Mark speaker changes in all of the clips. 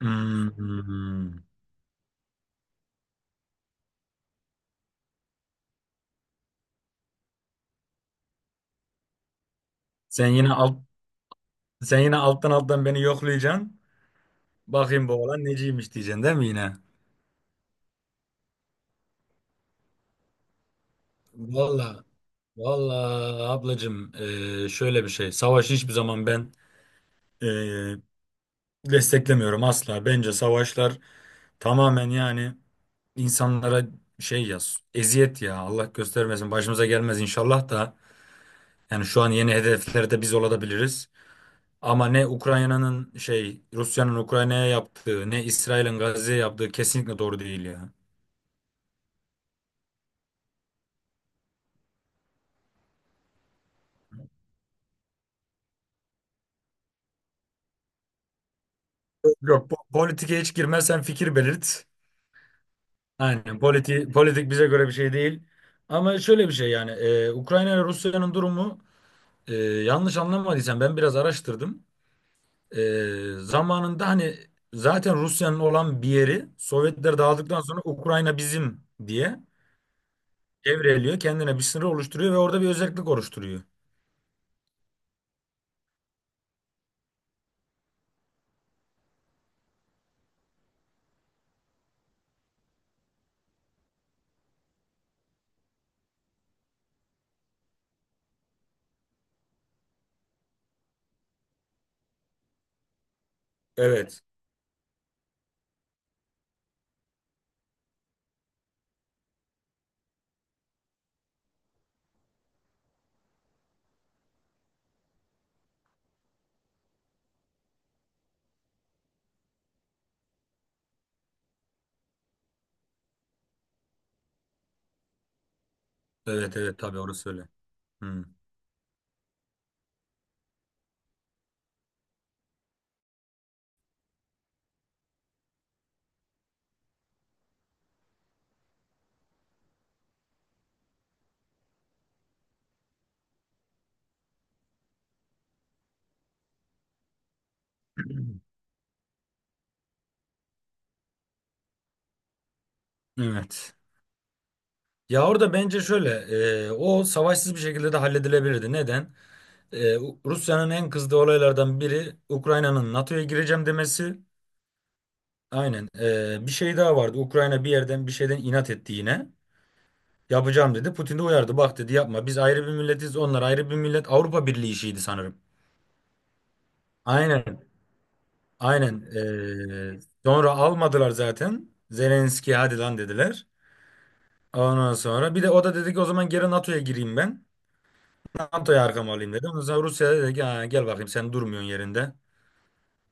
Speaker 1: Hmm. Sen yine alt sen yine alttan alttan beni yoklayacaksın. Bakayım bu oğlan neciymiş diyeceksin değil mi yine? Valla valla ablacığım şöyle bir şey. Savaşı hiçbir zaman ben eee, desteklemiyorum asla. Bence savaşlar tamamen yani insanlara şey ya eziyet ya Allah göstermesin başımıza gelmez inşallah da yani şu an yeni hedeflerde biz olabiliriz. Ama ne Ukrayna'nın şey Rusya'nın Ukrayna'ya yaptığı ne İsrail'in Gazze'ye yaptığı kesinlikle doğru değil ya. Yok politike hiç girme sen fikir belirt. Aynen politik bize göre bir şey değil. Ama şöyle bir şey yani Ukrayna ile Rusya'nın durumu yanlış anlamadıysam ben biraz araştırdım. E, zamanında hani zaten Rusya'nın olan bir yeri Sovyetler dağıldıktan sonra Ukrayna bizim diye devreliyor. Kendine bir sınır oluşturuyor ve orada bir özellik oluşturuyor. Evet. Evet evet tabii orası öyle. Hmm. Evet. Ya orada bence şöyle o savaşsız bir şekilde de halledilebilirdi. Neden? E, Rusya'nın en kızdığı olaylardan biri Ukrayna'nın NATO'ya gireceğim demesi. Aynen. E, bir şey daha vardı. Ukrayna bir yerden bir şeyden inat etti yine. Yapacağım dedi. Putin de uyardı. Bak dedi yapma. Biz ayrı bir milletiz. Onlar ayrı bir millet. Avrupa Birliği işiydi sanırım. Aynen. Aynen. E, sonra almadılar zaten. Zelenski hadi lan dediler. Ondan sonra bir de o da dedi ki o zaman geri NATO'ya gireyim ben. NATO'ya arkama alayım dedi. Ondan sonra Rusya dedi ki "Ha, gel bakayım sen durmuyorsun yerinde.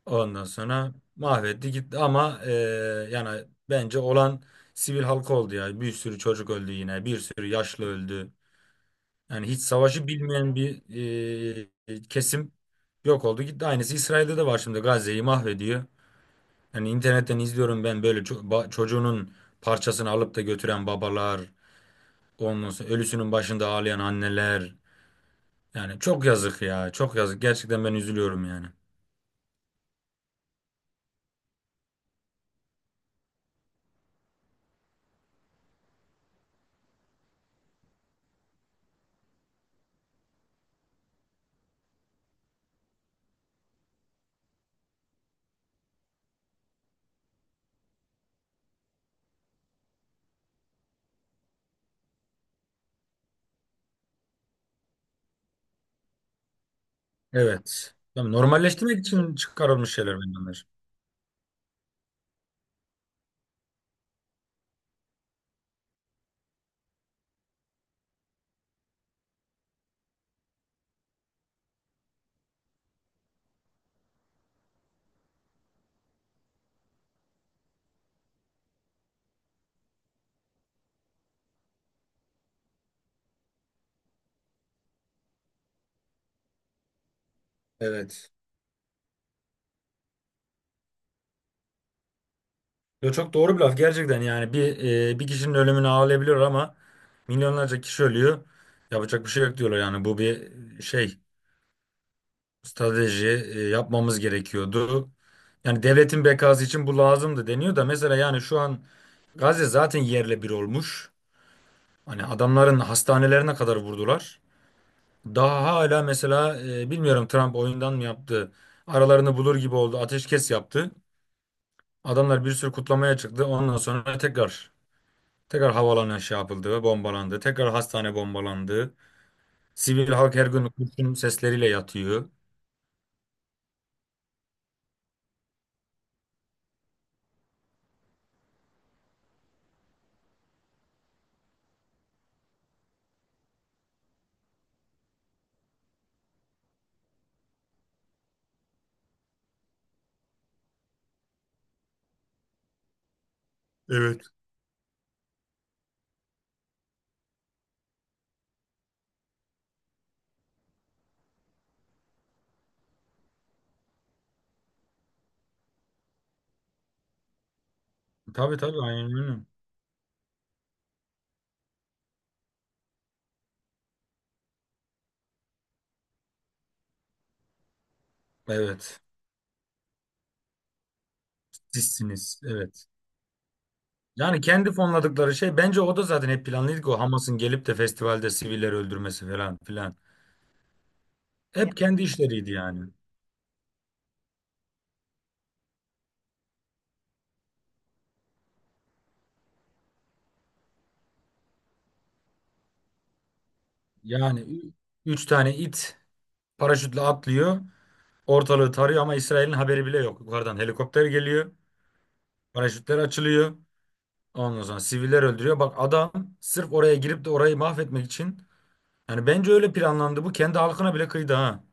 Speaker 1: Ondan sonra mahvetti gitti ama yani bence olan sivil halka oldu ya. Bir sürü çocuk öldü yine. Bir sürü yaşlı öldü. Yani hiç savaşı bilmeyen bir kesim yok oldu gitti. Aynısı İsrail'de de var şimdi Gazze'yi mahvediyor. Yani internetten izliyorum ben böyle çocuğunun parçasını alıp da götüren babalar, ondan sonra ölüsünün başında ağlayan anneler. Yani çok yazık ya. Çok yazık. Gerçekten ben üzülüyorum yani. Evet. Tabii normalleştirmek için çıkarılmış şeyler bunlar. Evet. Yo, çok doğru bir laf gerçekten yani bir kişinin ölümünü ağlayabiliyor ama milyonlarca kişi ölüyor. Yapacak bir şey yok diyorlar yani bu bir şey strateji yapmamız gerekiyordu. Yani devletin bekası için bu lazımdı deniyor da mesela yani şu an Gazze zaten yerle bir olmuş. Hani adamların hastanelerine kadar vurdular. Daha hala mesela bilmiyorum Trump oyundan mı yaptı? Aralarını bulur gibi oldu. Ateşkes yaptı. Adamlar bir sürü kutlamaya çıktı. Ondan sonra tekrar tekrar havaalanı şey yapıldı, ve bombalandı. Tekrar hastane bombalandı. Sivil halk her gün kurşun sesleriyle yatıyor. Evet. Tabii tabii aynen öyle. Evet. Sizsiniz. Evet. Yani kendi fonladıkları şey bence o da zaten hep planlıydı ki o Hamas'ın gelip de festivalde sivilleri öldürmesi falan filan. Hep kendi işleriydi yani. Yani üç tane it paraşütle atlıyor. Ortalığı tarıyor ama İsrail'in haberi bile yok. Yukarıdan helikopter geliyor. Paraşütler açılıyor. Ondan sonra siviller öldürüyor. Bak adam sırf oraya girip de orayı mahvetmek için. Yani bence öyle planlandı. Bu kendi halkına bile kıydı ha.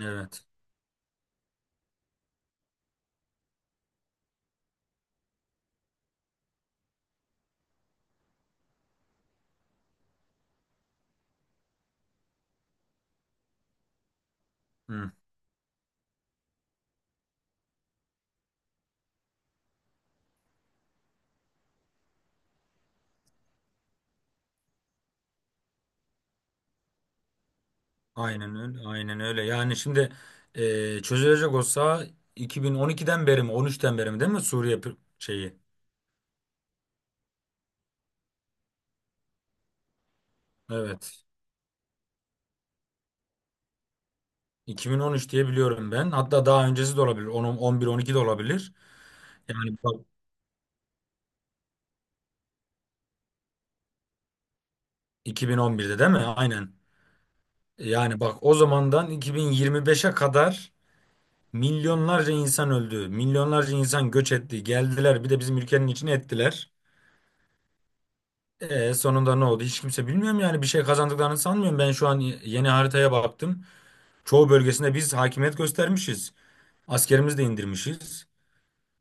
Speaker 1: Evet. Hı. Aynen öyle. Aynen öyle. Yani şimdi çözülecek olsa 2012'den beri mi 13'ten beri mi değil mi Suriye şeyi? Evet. 2013 diye biliyorum ben. Hatta daha öncesi de olabilir. 10, 11, 12 de olabilir. Yani bak 2011'de değil mi? Aynen. Yani bak o zamandan 2025'e kadar milyonlarca insan öldü. Milyonlarca insan göç etti. Geldiler bir de bizim ülkenin içine ettiler. E, sonunda ne oldu? Hiç kimse bilmiyorum yani bir şey kazandıklarını sanmıyorum. Ben şu an yeni haritaya baktım. Çoğu bölgesinde biz hakimiyet göstermişiz. Askerimizi de indirmişiz.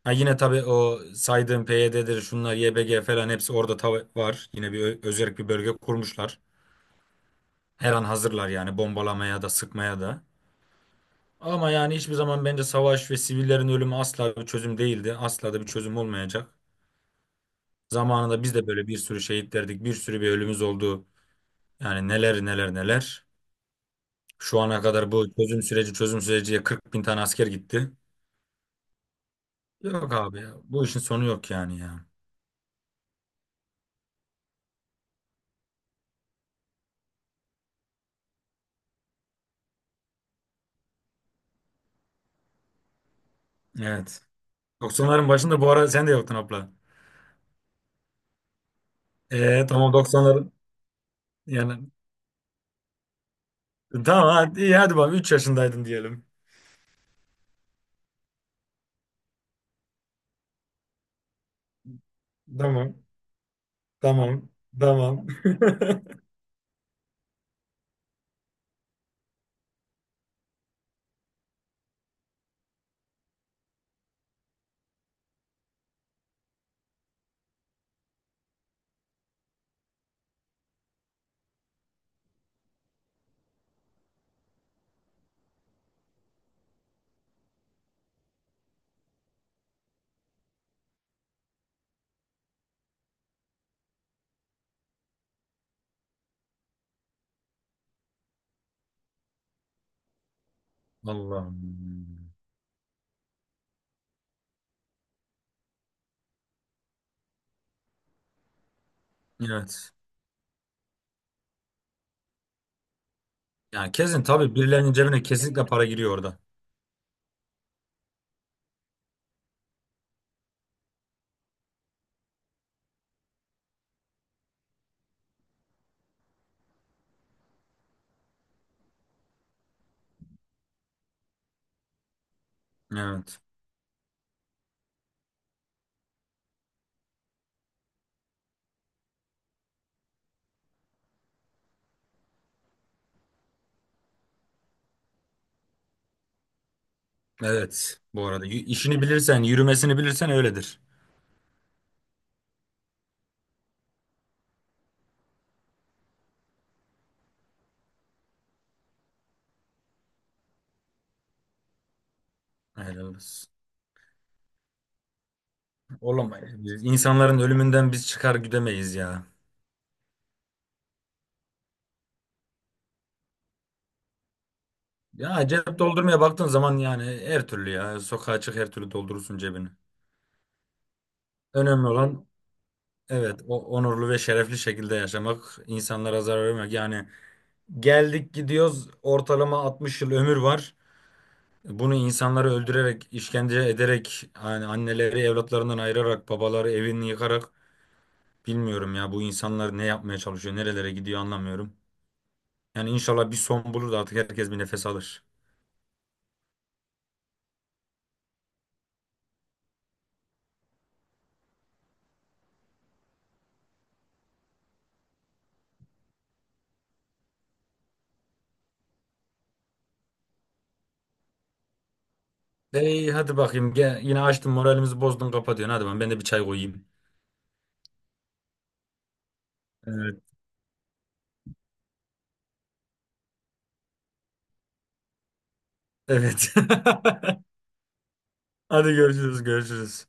Speaker 1: Ha yine tabii o saydığım PYD'dir, şunlar YPG falan hepsi orada var. Yine bir özerk bir bölge kurmuşlar. Her an hazırlar yani bombalamaya da sıkmaya da. Ama yani hiçbir zaman bence savaş ve sivillerin ölümü asla bir çözüm değildi. Asla da bir çözüm olmayacak. Zamanında biz de böyle bir sürü şehit verdik, bir sürü bir ölümümüz oldu. Yani neler neler neler. Şu ana kadar bu çözüm süreciye 40 bin tane asker gitti. Yok abi ya. Bu işin sonu yok yani ya. Evet. Doksanların başında bu ara sen de yoktun abla. Tamam doksanların yani tamam hadi, iyi, hadi bak üç yaşındaydın diyelim. Tamam. Tamam. Tamam. Allah'ım. Evet. Yani kesin tabii birilerinin cebine kesinlikle para giriyor orada. Evet. Evet bu arada. İşini bilirsen, yürümesini bilirsen öyledir. Helal olsun. Olamayız. Biz insanların ölümünden biz çıkar güdemeyiz ya. Ya cep doldurmaya baktığın zaman yani her türlü ya. Sokağa çık her türlü doldurursun cebini. Önemli olan evet o onurlu ve şerefli şekilde yaşamak, insanlara zarar vermek. Yani geldik gidiyoruz ortalama 60 yıl ömür var. Bunu insanları öldürerek, işkence ederek, yani anneleri evlatlarından ayırarak, babaları evini yıkarak bilmiyorum ya bu insanlar ne yapmaya çalışıyor, nerelere gidiyor anlamıyorum. Yani inşallah bir son bulur da artık herkes bir nefes alır. Ey hadi bakayım gel, yine açtın moralimizi bozdun kapatıyorsun. Hadi ben, ben de bir çay koyayım. Evet. Evet. Hadi görüşürüz görüşürüz.